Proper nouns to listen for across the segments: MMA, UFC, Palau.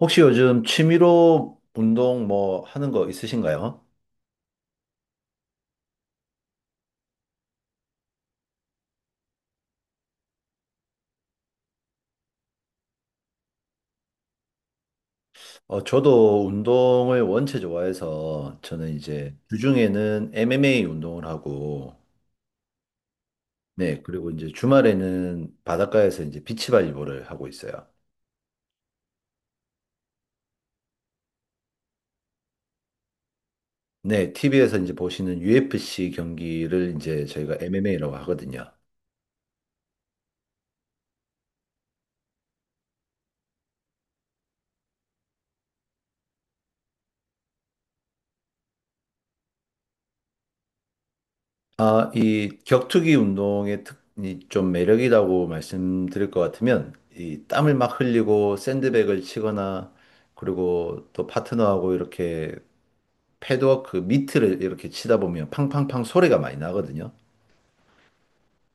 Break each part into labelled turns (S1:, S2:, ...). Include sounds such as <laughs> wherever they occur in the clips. S1: 혹시 요즘 취미로 운동 뭐 하는 거 있으신가요? 저도 운동을 원체 좋아해서 저는 이제 주중에는 MMA 운동을 하고, 네, 그리고 이제 주말에는 바닷가에서 이제 비치발리볼을 하고 있어요. 네, TV에서 이제 보시는 UFC 경기를 이제 저희가 MMA라고 하거든요. 아, 이 격투기 운동의 이 좀 매력이라고 말씀드릴 것 같으면, 이 땀을 막 흘리고 샌드백을 치거나, 그리고 또 파트너하고 이렇게 패드워크 그 미트를 이렇게 치다 보면 팡팡팡 소리가 많이 나거든요.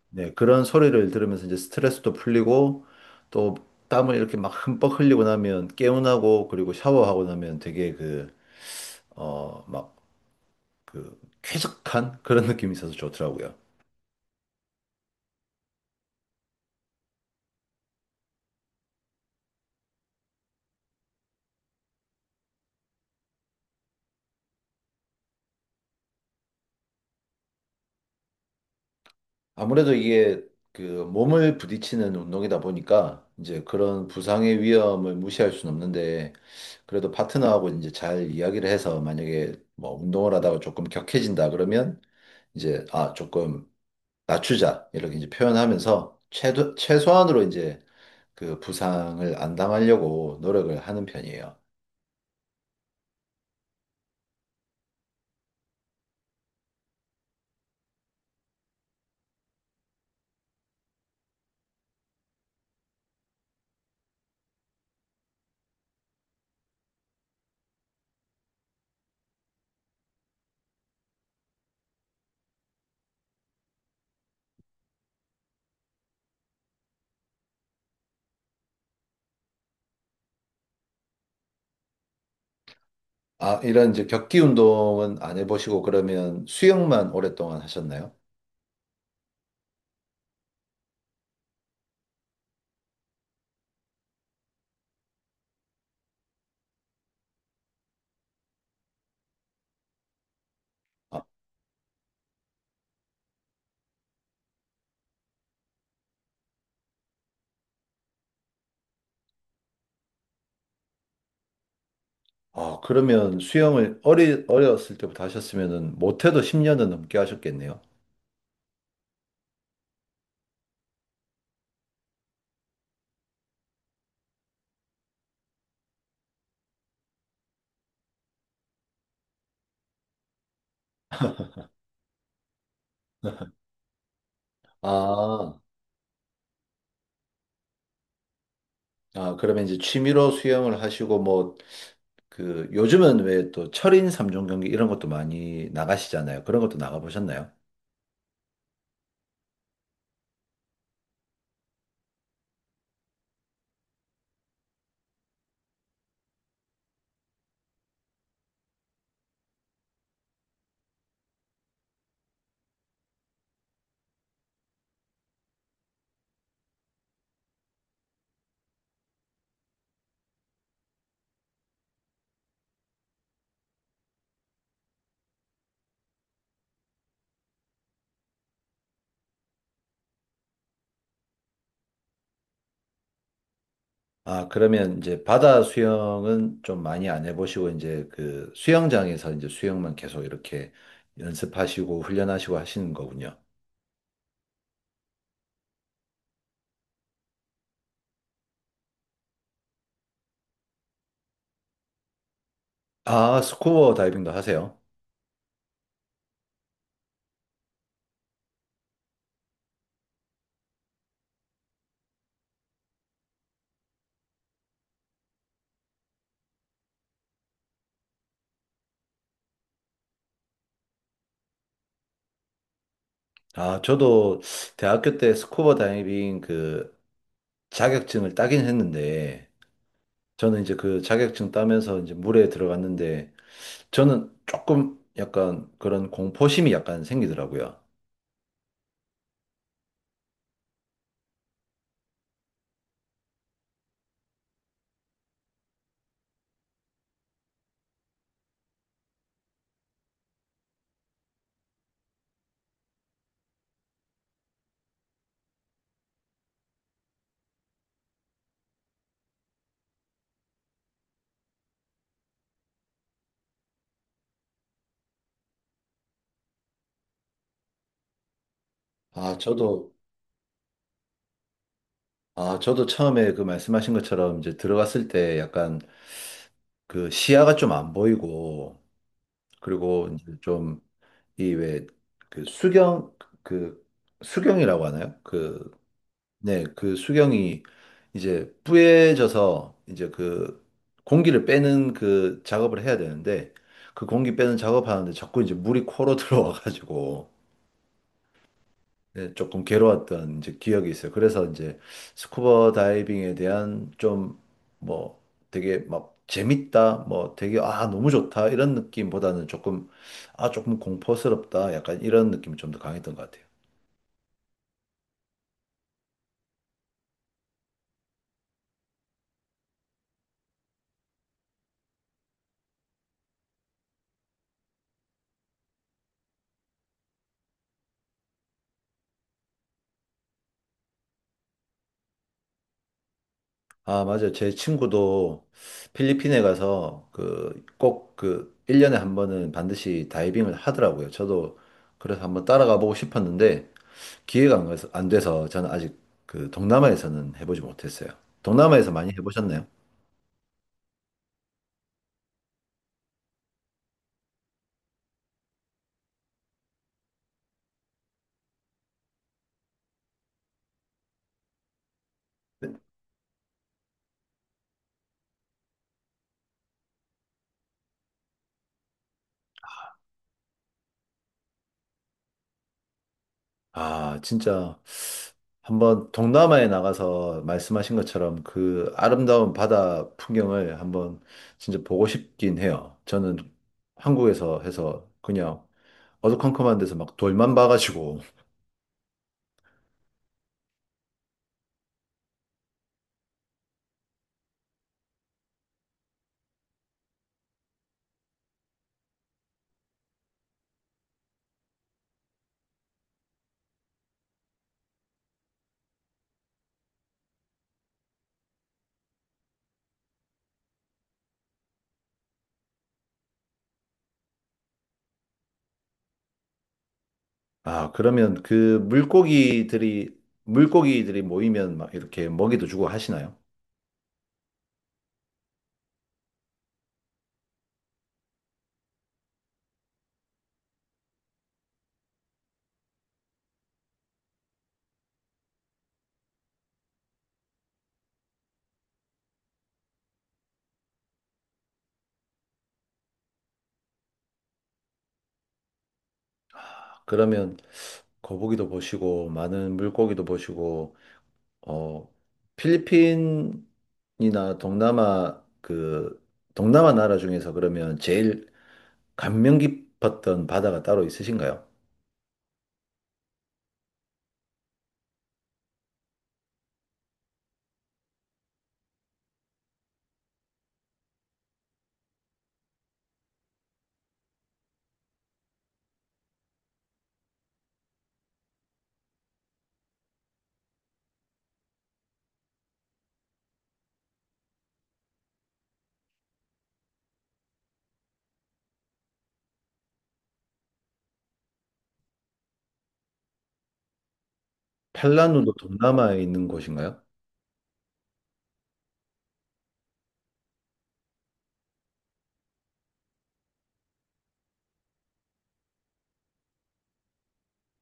S1: 네, 그런 소리를 들으면서 이제 스트레스도 풀리고, 또 땀을 이렇게 막 흠뻑 흘리고 나면 개운하고, 그리고 샤워하고 나면 되게 그, 막 그 쾌적한 그런 느낌이 있어서 좋더라고요. 아무래도 이게 그 몸을 부딪히는 운동이다 보니까 이제 그런 부상의 위험을 무시할 수는 없는데, 그래도 파트너하고 이제 잘 이야기를 해서 만약에 뭐 운동을 하다가 조금 격해진다 그러면 이제 아 조금 낮추자 이렇게 이제 표현하면서 최소한으로 이제 그 부상을 안 당하려고 노력을 하는 편이에요. 아, 이런 이제 격기 운동은 안 해보시고 그러면 수영만 오랫동안 하셨나요? 아, 아, 그러면 수영을 어렸을 때부터 하셨으면은 못해도 10년은 넘게 하셨겠네요. 아, 아, 그러면 이제 취미로 수영을 하시고 뭐 그 요즘은 왜 또 철인 3종 경기 이런 것도 많이 나가시잖아요. 그런 것도 나가보셨나요? 아, 그러면 이제 바다 수영은 좀 많이 안 해보시고 이제 그 수영장에서 이제 수영만 계속 이렇게 연습하시고 훈련하시고 하시는 거군요. 아, 스쿠버 다이빙도 하세요? 아, 저도 대학교 때 스쿠버 다이빙 그 자격증을 따긴 했는데, 저는 이제 그 자격증 따면서 이제 물에 들어갔는데, 저는 조금 약간 그런 공포심이 약간 생기더라고요. 아, 저도, 아, 저도 처음에 그 말씀하신 것처럼 이제 들어갔을 때 약간 그 시야가 좀 안 보이고, 그리고 이제 좀 이 왜 그 수경, 그 수경이라고 하나요? 그 네, 그 수경이 이제 뿌얘져서 이제 그 공기를 빼는 그 작업을 해야 되는데 그 공기 빼는 작업하는데 자꾸 이제 물이 코로 <laughs> 들어와가지고 네, 조금 괴로웠던 이제 기억이 있어요. 그래서 이제 스쿠버 다이빙에 대한 좀 뭐 되게 막 재밌다, 뭐 되게 아 너무 좋다 이런 느낌보다는 조금 아 조금 공포스럽다 약간 이런 느낌이 좀 더 강했던 것 같아요. 아, 맞아요. 제 친구도 필리핀에 가서 그 꼭 그 1년에 한 번은 반드시 다이빙을 하더라고요. 저도 그래서 한번 따라가 보고 싶었는데 기회가 안 돼서 저는 아직 그 동남아에서는 해보지 못했어요. 동남아에서 많이 해보셨나요? 아, 진짜 한번 동남아에 나가서 말씀하신 것처럼 그 아름다운 바다 풍경을 한번 진짜 보고 싶긴 해요. 저는 한국에서 해서 그냥 어두컴컴한 데서 막 돌만 봐가지고. 아, 그러면 그 물고기들이 모이면 막 이렇게 먹이도 주고 하시나요? 아, 그러면 거북이도 보시고, 많은 물고기도 보시고, 어, 필리핀이나 동남아 나라 중에서 그러면 제일 감명 깊었던 바다가 따로 있으신가요? 팔라누도 동남아에 있는 곳인가요?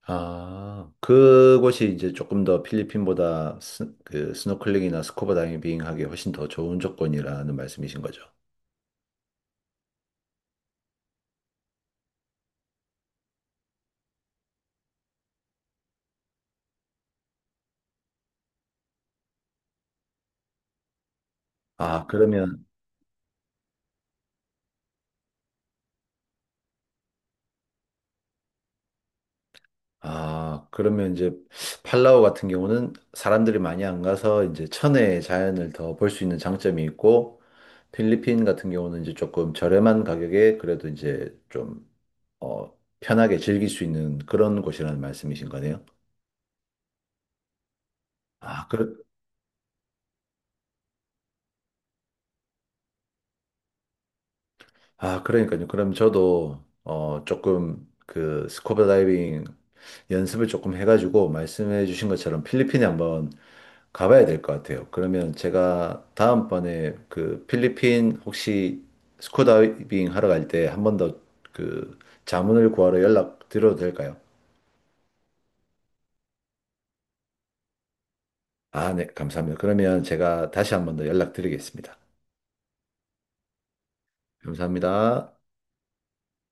S1: 아, 그곳이 이제 조금 더 필리핀보다 그 스노클링이나 스쿠버 다이빙하기 훨씬 더 좋은 조건이라는 말씀이신 거죠. 아, 그러면, 아, 그러면 이제 팔라우 같은 경우는 사람들이 많이 안 가서 이제 천혜의 자연을 더 볼 수 있는 장점이 있고, 필리핀 같은 경우는 이제 조금 저렴한 가격에 그래도 이제 좀, 어, 편하게 즐길 수 있는 그런 곳이라는 말씀이신 거네요. 아, 그렇, 아, 그러니까요. 그럼 저도 조금 그 스쿠버 다이빙 연습을 조금 해가지고 말씀해 주신 것처럼 필리핀에 한번 가봐야 될 것 같아요. 그러면 제가 다음번에 그 필리핀 혹시 스쿠버 다이빙 하러 갈 때 한번 더 그 자문을 구하러 연락 드려도 될까요? 아, 네, 감사합니다. 그러면 제가 다시 한번 더 연락드리겠습니다. 감사합니다.